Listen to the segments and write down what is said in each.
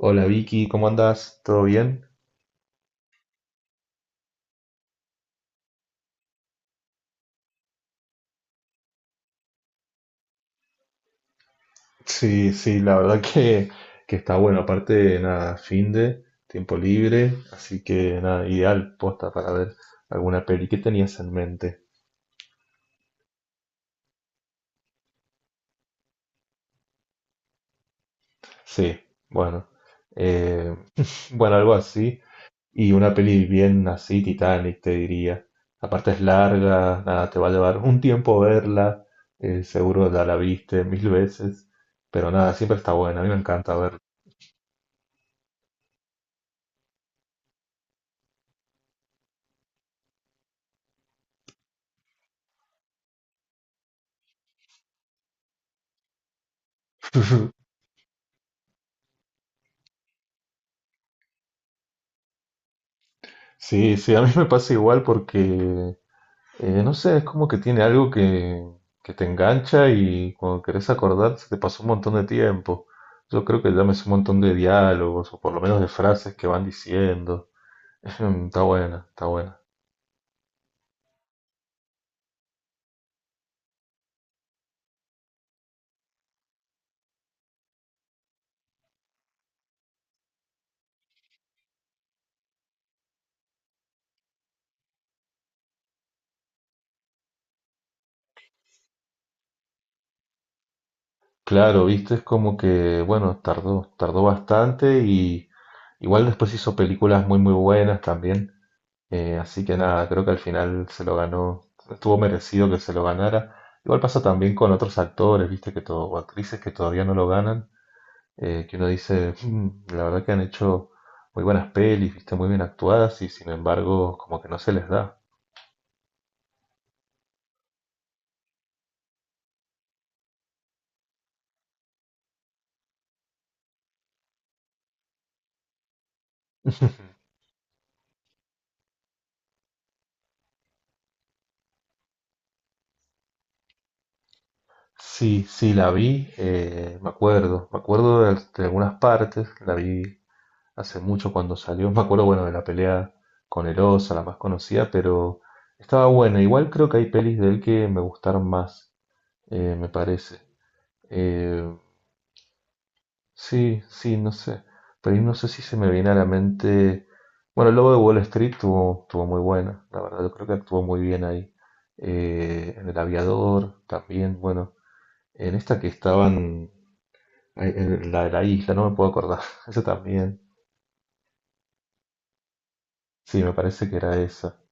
Hola Vicky, ¿cómo andás? ¿Todo bien? Sí, sí, la verdad que está bueno. Aparte, nada, fin de tiempo libre, así que nada, ideal posta para ver alguna peli. ¿Qué tenías en mente? Sí, bueno, eh, bueno, algo así. Y una peli bien así, Titanic, te diría. Aparte es larga, nada, te va a llevar un tiempo verla. Seguro ya la viste mil veces, pero nada, siempre está buena. A mí me encanta verla. Sí, sí, a mí me pasa igual porque no sé, es como que tiene algo que te engancha y cuando querés acordar se te pasó un montón de tiempo. Yo creo que ya me sé un montón de diálogos o por lo menos de frases que van diciendo. Está buena, está buena. Claro, viste, es como que, bueno, tardó bastante y igual después hizo películas muy buenas también. Así que nada, creo que al final se lo ganó, estuvo merecido que se lo ganara. Igual pasa también con otros actores, viste, o actrices que todavía no lo ganan, que uno dice, "Mm, la verdad que han hecho muy buenas pelis, viste, muy bien actuadas y sin embargo como que no se les da". Sí, sí, la vi, me acuerdo de algunas partes, la vi hace mucho cuando salió, me acuerdo, bueno, de la pelea con Erosa, la más conocida, pero estaba buena. Igual creo que hay pelis de él que me gustaron más. Me parece. Eh, sí, sí, no sé. Pero ahí no sé si se me viene a la mente. Bueno, el Lobo de Wall Street tuvo muy buena, la verdad, yo creo que actuó muy bien ahí. En El Aviador también, bueno, en esta que estaban, ay, en la de la isla, no me puedo acordar, esa también. Sí, me parece que era esa.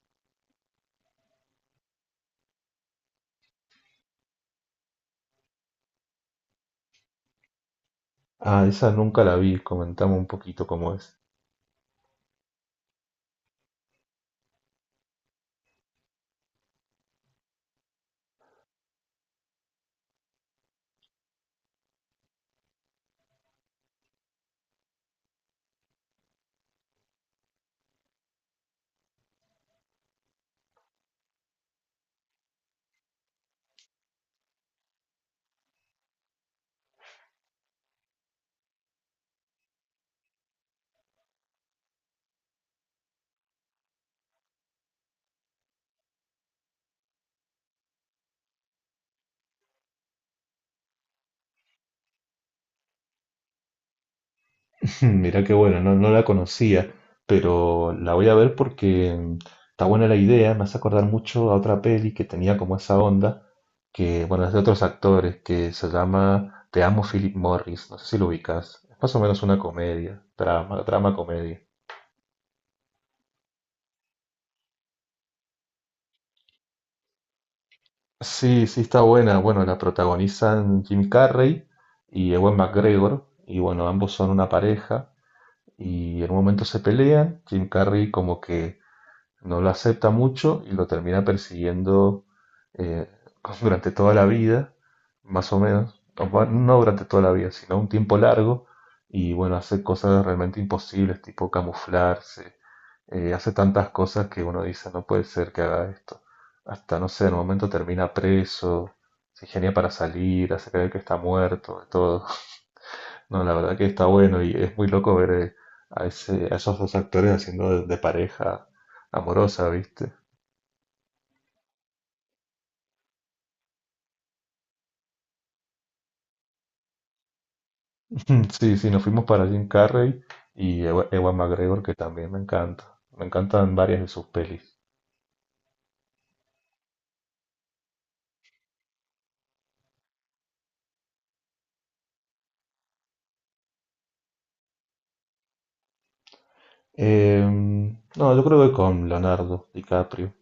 Ah, esa nunca la vi, comentame un poquito cómo es. Hmm, mira qué bueno, no, no la conocía, pero la voy a ver porque mm, está buena la idea, me hace acordar mucho a otra peli que tenía como esa onda, que bueno, es de otros actores, que se llama Te amo Philip Morris, no sé si lo ubicas, es más o menos una comedia, drama, drama comedia. Sí, sí, está buena, bueno, la protagonizan Jim Carrey y Ewan McGregor, y bueno, ambos son una pareja, y en un momento se pelean, Jim Carrey como que no lo acepta mucho y lo termina persiguiendo eh, durante toda la vida, más o menos, no durante toda la vida, sino un tiempo largo, y bueno, hace cosas realmente imposibles, tipo camuflarse, hace tantas cosas que uno dice, no puede ser que haga esto. Hasta, no sé, en un momento termina preso, se ingenia para salir, hace creer que está muerto, de todo. No, la verdad que está bueno y es muy loco ver a esos dos actores haciendo de pareja amorosa, ¿viste? Sí, sí, nos fuimos para Jim Carrey y Ewa McGregor, que también me encanta. Me encantan varias de sus películas. Em, no, yo creo que con Leonardo DiCaprio,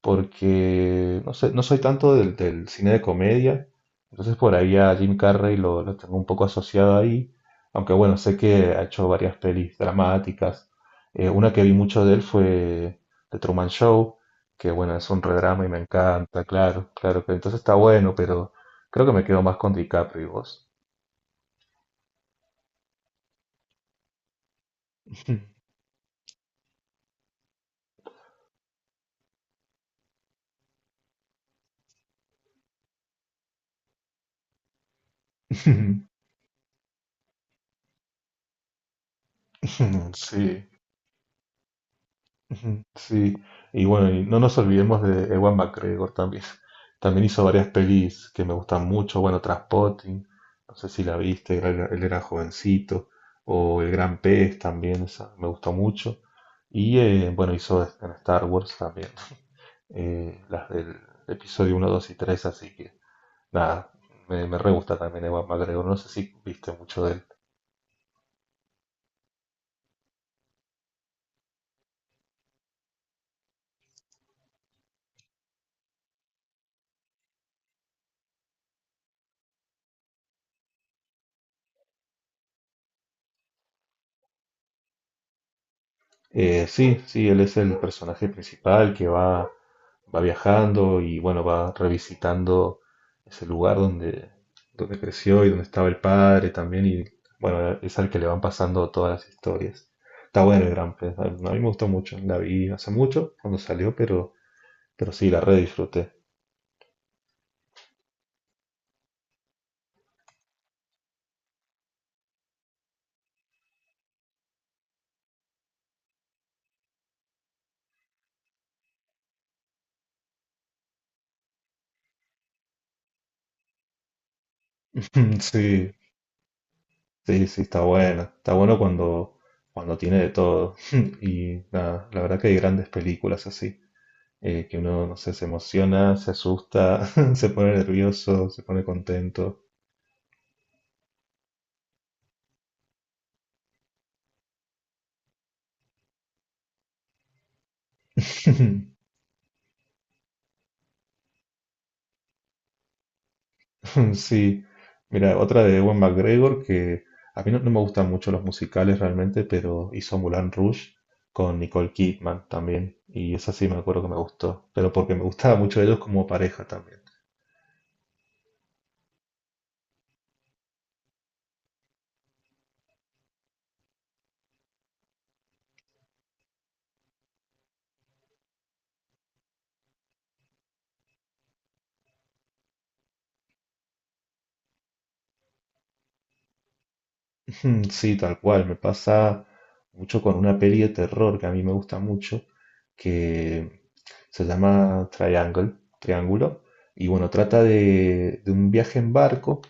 porque no sé, no soy tanto del cine de comedia, entonces por ahí a Jim Carrey lo tengo un poco asociado ahí, aunque bueno, sé que ha hecho varias pelis dramáticas. Una que vi mucho de él fue The Truman Show, que bueno, es un redrama y me encanta, claro, claro que entonces está bueno, pero creo que me quedo más con DiCaprio. ¿Y vos? Sí. Ujú, sí, y bueno, y no nos olvidemos de Ewan McGregor también. También hizo varias pelis que me gustan mucho. Bueno, Trainspotting, no sé si la viste, él era jovencito. O El Gran Pez también, esa me gustó mucho. Y bueno, hizo en Star Wars también, las del episodio uno, 2 y 3. Así que nada, me re gusta también Ewan McGregor. No sé si viste mucho de él. Sí, sí, él es el personaje principal que va viajando y bueno, va revisitando ese lugar donde creció y donde estaba el padre también y bueno, es al que le van pasando todas las historias. Está bueno el Gran Prix, a mí me gustó mucho, la vi hace mucho cuando salió, pero sí, la re disfruté. Sí, sí, sí, está buena, está bueno cuando tiene de todo y nada, la verdad que hay grandes películas así. Que uno, no sé, se emociona, se asusta, se pone nervioso, se pone contento. Sí, mira, otra de Ewan McGregor que a mí no, no me gustan mucho los musicales realmente, pero hizo Moulin Rouge con Nicole Kidman también, y esa sí me acuerdo que me gustó, pero porque me gustaba mucho ellos como pareja también. Mm, sí, tal cual, me pasa mucho con una peli de terror que a mí me gusta mucho, que se llama Triangle, Triángulo, y bueno, trata de un viaje en barco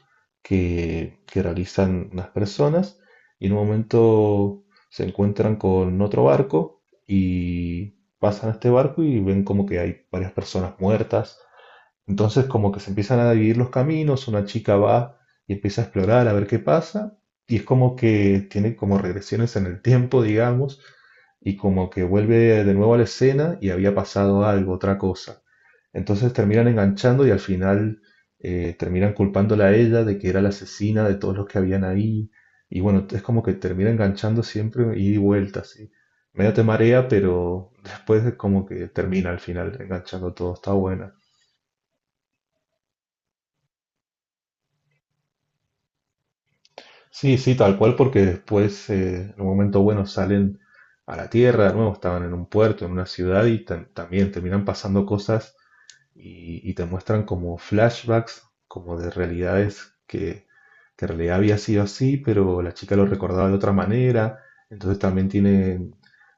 que realizan unas personas y en un momento se encuentran con otro barco y pasan a este barco y ven como que hay varias personas muertas, entonces como que se empiezan a dividir los caminos, una chica va y empieza a explorar a ver qué pasa, y es como que tiene como regresiones en el tiempo, digamos, y como que vuelve de nuevo a la escena y había pasado algo, otra cosa. Entonces terminan enganchando y al final terminan culpándola a ella de que era la asesina de todos los que habían ahí. Y bueno, es como que termina enganchando siempre ida y vuelta, así. Medio te marea, pero después es como que termina al final enganchando todo, está buena. Sí, sí, tal cual, porque después, en un momento bueno, salen a la tierra, de nuevo, estaban en un puerto, en una ciudad y también terminan pasando cosas y te muestran como flashbacks, como de realidades que en realidad había sido así, pero la chica lo recordaba de otra manera. Entonces también tiene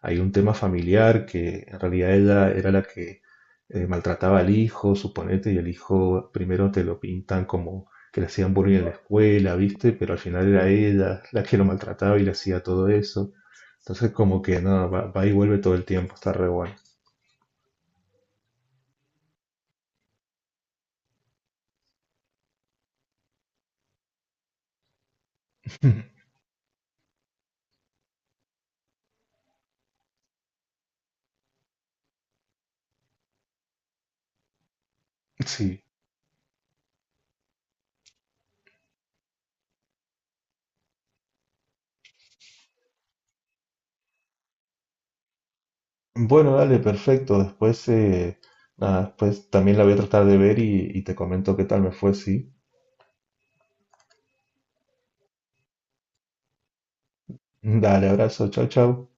hay un tema familiar que en realidad ella era la que maltrataba al hijo, suponete, y el hijo primero te lo pintan como que le hacían bullying en la escuela, ¿viste? Pero al final era ella la que lo maltrataba y le hacía todo eso. Entonces como que no, va y vuelve todo el tiempo, está re bueno. Sí, bueno, dale, perfecto. Después, nada, después también la voy a tratar de ver y te comento qué tal me fue, sí. Dale, abrazo, chao, chao.